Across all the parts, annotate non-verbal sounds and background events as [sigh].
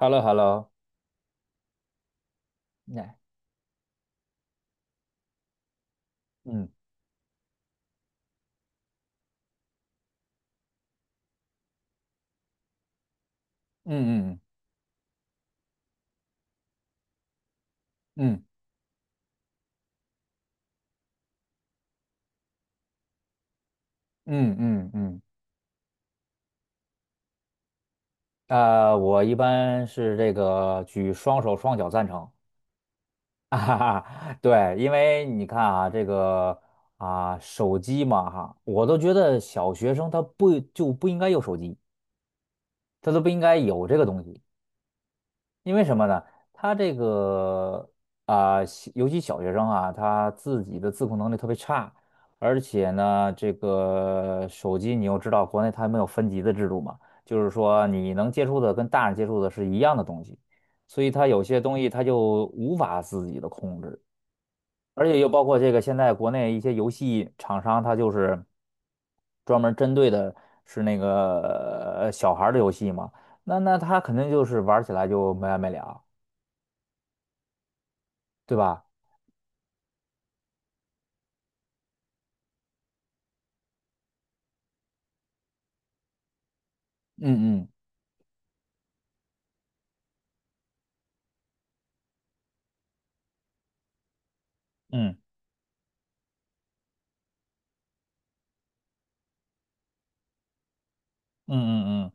h e l l o h e l l o 那嗯嗯嗯嗯嗯嗯嗯，我一般是这个举双手双脚赞成。[laughs] 啊哈哈，对，因为你看啊，这个手机嘛哈，我都觉得小学生他不就不应该有手机，他都不应该有这个东西。因为什么呢？他这个尤其小学生啊，他自己的自控能力特别差，而且呢，这个手机你又知道，国内它没有分级的制度嘛，就是说你能接触的跟大人接触的是一样的东西，所以他有些东西他就无法自己的控制，而且又包括这个现在国内一些游戏厂商，它就是专门针对的是那个小孩儿的游戏嘛，那他肯定就是玩起来就没完没了。对吧？嗯嗯嗯嗯嗯嗯，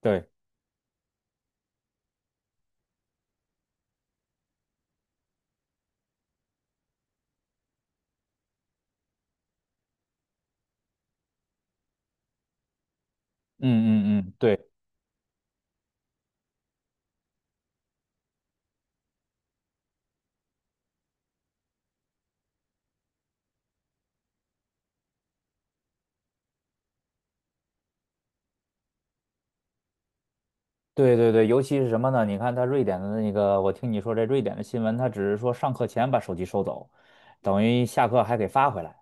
对。嗯嗯嗯，对对对。对，尤其是什么呢？你看他瑞典的那个，我听你说这瑞典的新闻，他只是说上课前把手机收走，等于下课还给发回来。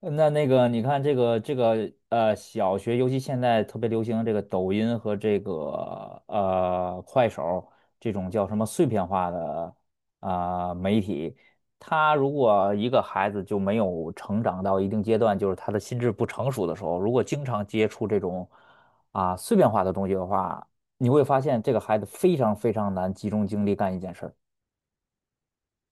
那个，你看这个小学尤其现在特别流行这个抖音和这个快手这种叫什么碎片化的媒体。他如果一个孩子就没有成长到一定阶段，就是他的心智不成熟的时候，如果经常接触这种碎片化的东西的话，你会发现这个孩子非常非常难集中精力干一件事儿。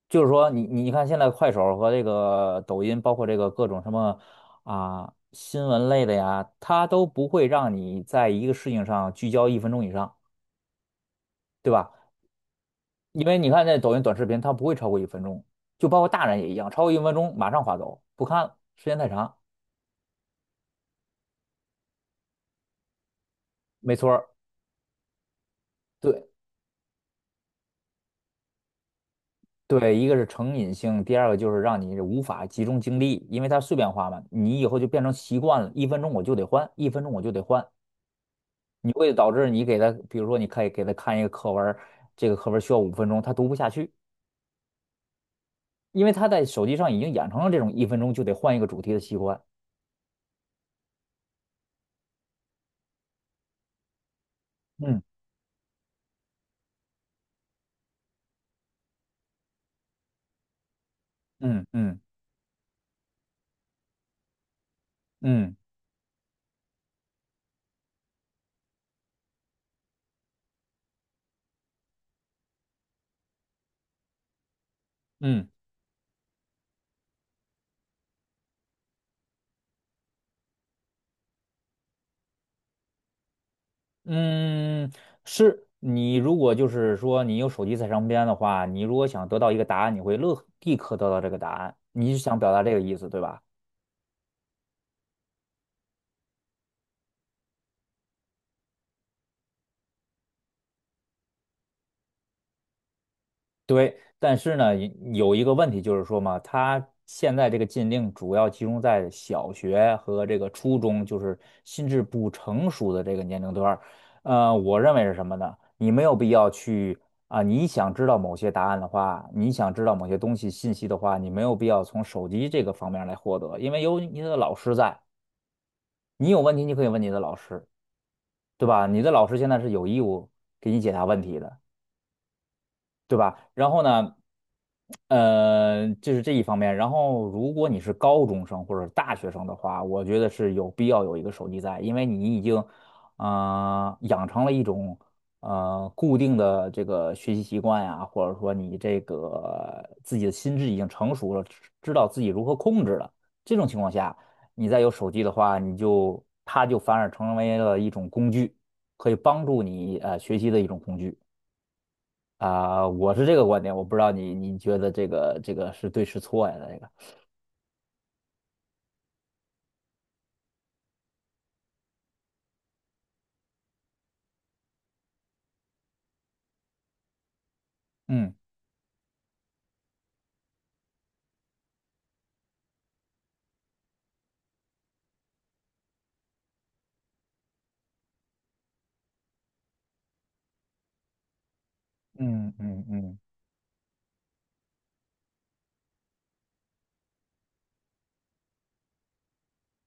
就是说你看现在快手和这个抖音，包括这个各种什么新闻类的呀，它都不会让你在一个事情上聚焦一分钟以上，对吧？因为你看那抖音短视频，它不会超过一分钟，就包括大人也一样，超过一分钟马上划走，不看了，时间太长。没错儿。对对，一个是成瘾性，第二个就是让你无法集中精力，因为它碎片化嘛，你以后就变成习惯了，一分钟我就得换，一分钟我就得换。你会导致你给他，比如说你可以给他看一个课文儿，这个课文儿需要五分钟，他读不下去，因为他在手机上已经养成了这种一分钟就得换一个主题的习惯。嗯嗯嗯嗯嗯嗯，是你如果就是说你有手机在身边的话，你如果想得到一个答案，你会立刻得到这个答案，你是想表达这个意思，对吧？对，但是呢，有一个问题就是说嘛，他现在这个禁令主要集中在小学和这个初中，就是心智不成熟的这个年龄段儿。我认为是什么呢？你没有必要去你想知道某些答案的话，你想知道某些东西信息的话，你没有必要从手机这个方面来获得，因为有你的老师在，你有问题你可以问你的老师，对吧？你的老师现在是有义务给你解答问题的。对吧？然后呢，就是这一方面。然后，如果你是高中生或者大学生的话，我觉得是有必要有一个手机在，因为你已经，养成了一种固定的这个学习习惯呀，或者说你这个自己的心智已经成熟了，知道自己如何控制了。这种情况下，你再有手机的话，你就它就反而成为了一种工具，可以帮助你学习的一种工具。我是这个观点。我不知道你觉得这个是对是错呀？这个嗯嗯嗯嗯，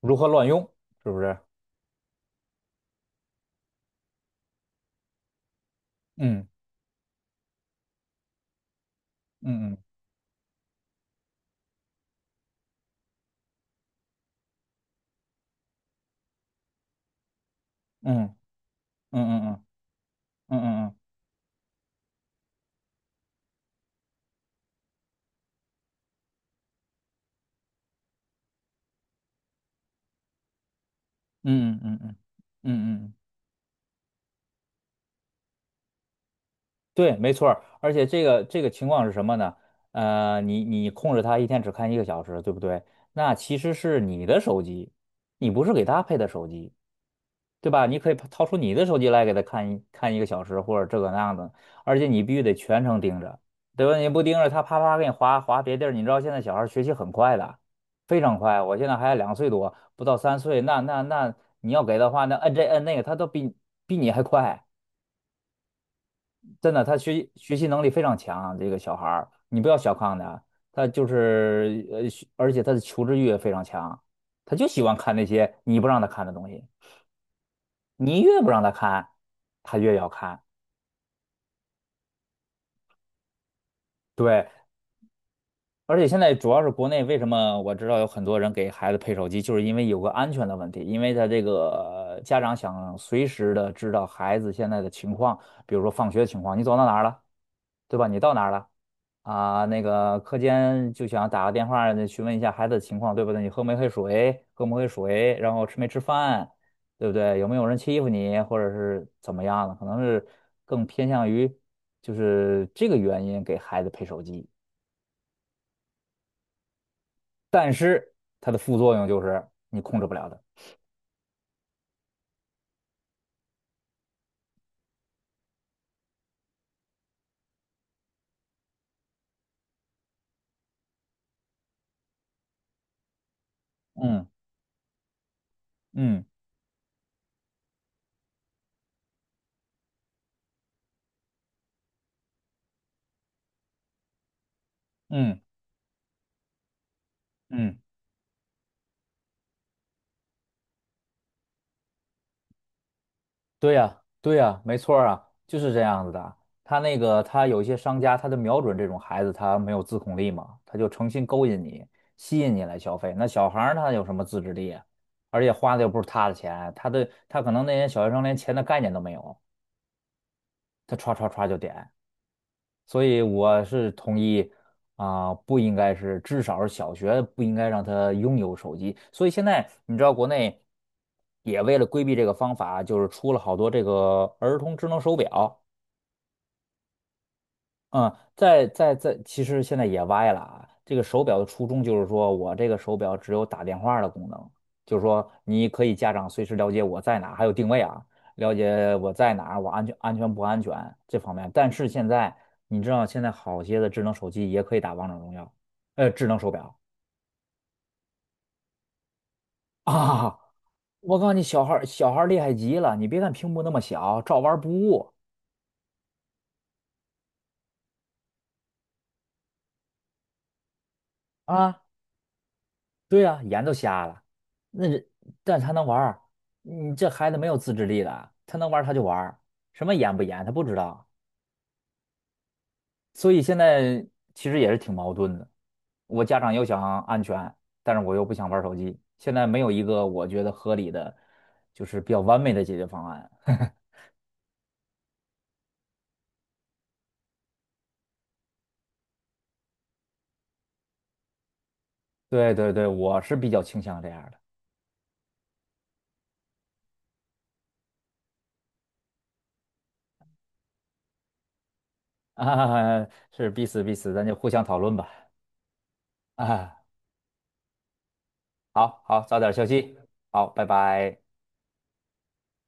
如何乱用，是不是？嗯嗯嗯嗯嗯嗯嗯嗯嗯嗯嗯嗯嗯嗯，对，没错儿。而且这个情况是什么呢？你控制它一天只看一个小时，对不对？那其实是你的手机，你不是给他配的手机。对吧？你可以掏出你的手机来给他看一看一个小时，或者这个那样的，而且你必须得全程盯着，对吧？你不盯着他，啪啪给你划别地儿。你知道现在小孩儿学习很快的，非常快。我现在还两岁多，不到三岁，那你要给的话，那摁这摁那个，他都比你还快。真的，他学习能力非常强，这个小孩儿，你不要小看他，他就是学，而且他的求知欲也非常强，他就喜欢看那些你不让他看的东西。你越不让他看，他越要看。对。而且现在主要是国内，为什么我知道有很多人给孩子配手机，就是因为有个安全的问题，因为他这个家长想随时的知道孩子现在的情况，比如说放学的情况，你走到哪儿了，对吧？你到哪儿了？啊，那个课间就想打个电话那询问一下孩子的情况，对不对？你喝没喝水？喝没喝水？然后吃没吃饭？对不对？有没有人欺负你，或者是怎么样的？可能是更偏向于就是这个原因给孩子配手机，但是它的副作用就是你控制不了的。嗯嗯嗯嗯。对呀，对呀，没错儿啊，就是这样子的。他那个，他有一些商家，他就瞄准这种孩子，他没有自控力嘛，他就诚心勾引你，吸引你来消费。那小孩儿他有什么自制力啊？而且花的又不是他的钱，他的他可能那些小学生连钱的概念都没有，他歘歘歘就点。所以我是同意不应该是，至少是小学不应该让他拥有手机。所以现在你知道，国内也为了规避这个方法，就是出了好多这个儿童智能手表。嗯，在，其实现在也歪了啊。这个手表的初衷就是说，我这个手表只有打电话的功能，就是说你可以家长随时了解我在哪儿还有定位啊，了解我在哪儿我安全，不安全这方面。但是现在你知道，现在好些的智能手机也可以打王者荣耀，智能手表。 [laughs] 啊。我告诉你，小孩儿厉害极了，你别看屏幕那么小，照玩儿不误啊。对呀、眼都瞎了，那人但是他能玩儿，你这孩子没有自制力的，他能玩儿他就玩儿，什么严不严他不知道，所以现在其实也是挺矛盾的。我家长又想安全，但是我又不想玩儿手机，现在没有一个我觉得合理的，就是比较完美的解决方案。[laughs] 对对对，我是比较倾向这样的。啊，[laughs] 是彼此彼此，咱就互相讨论吧。啊，[laughs] 好好，早点休息。好，拜拜。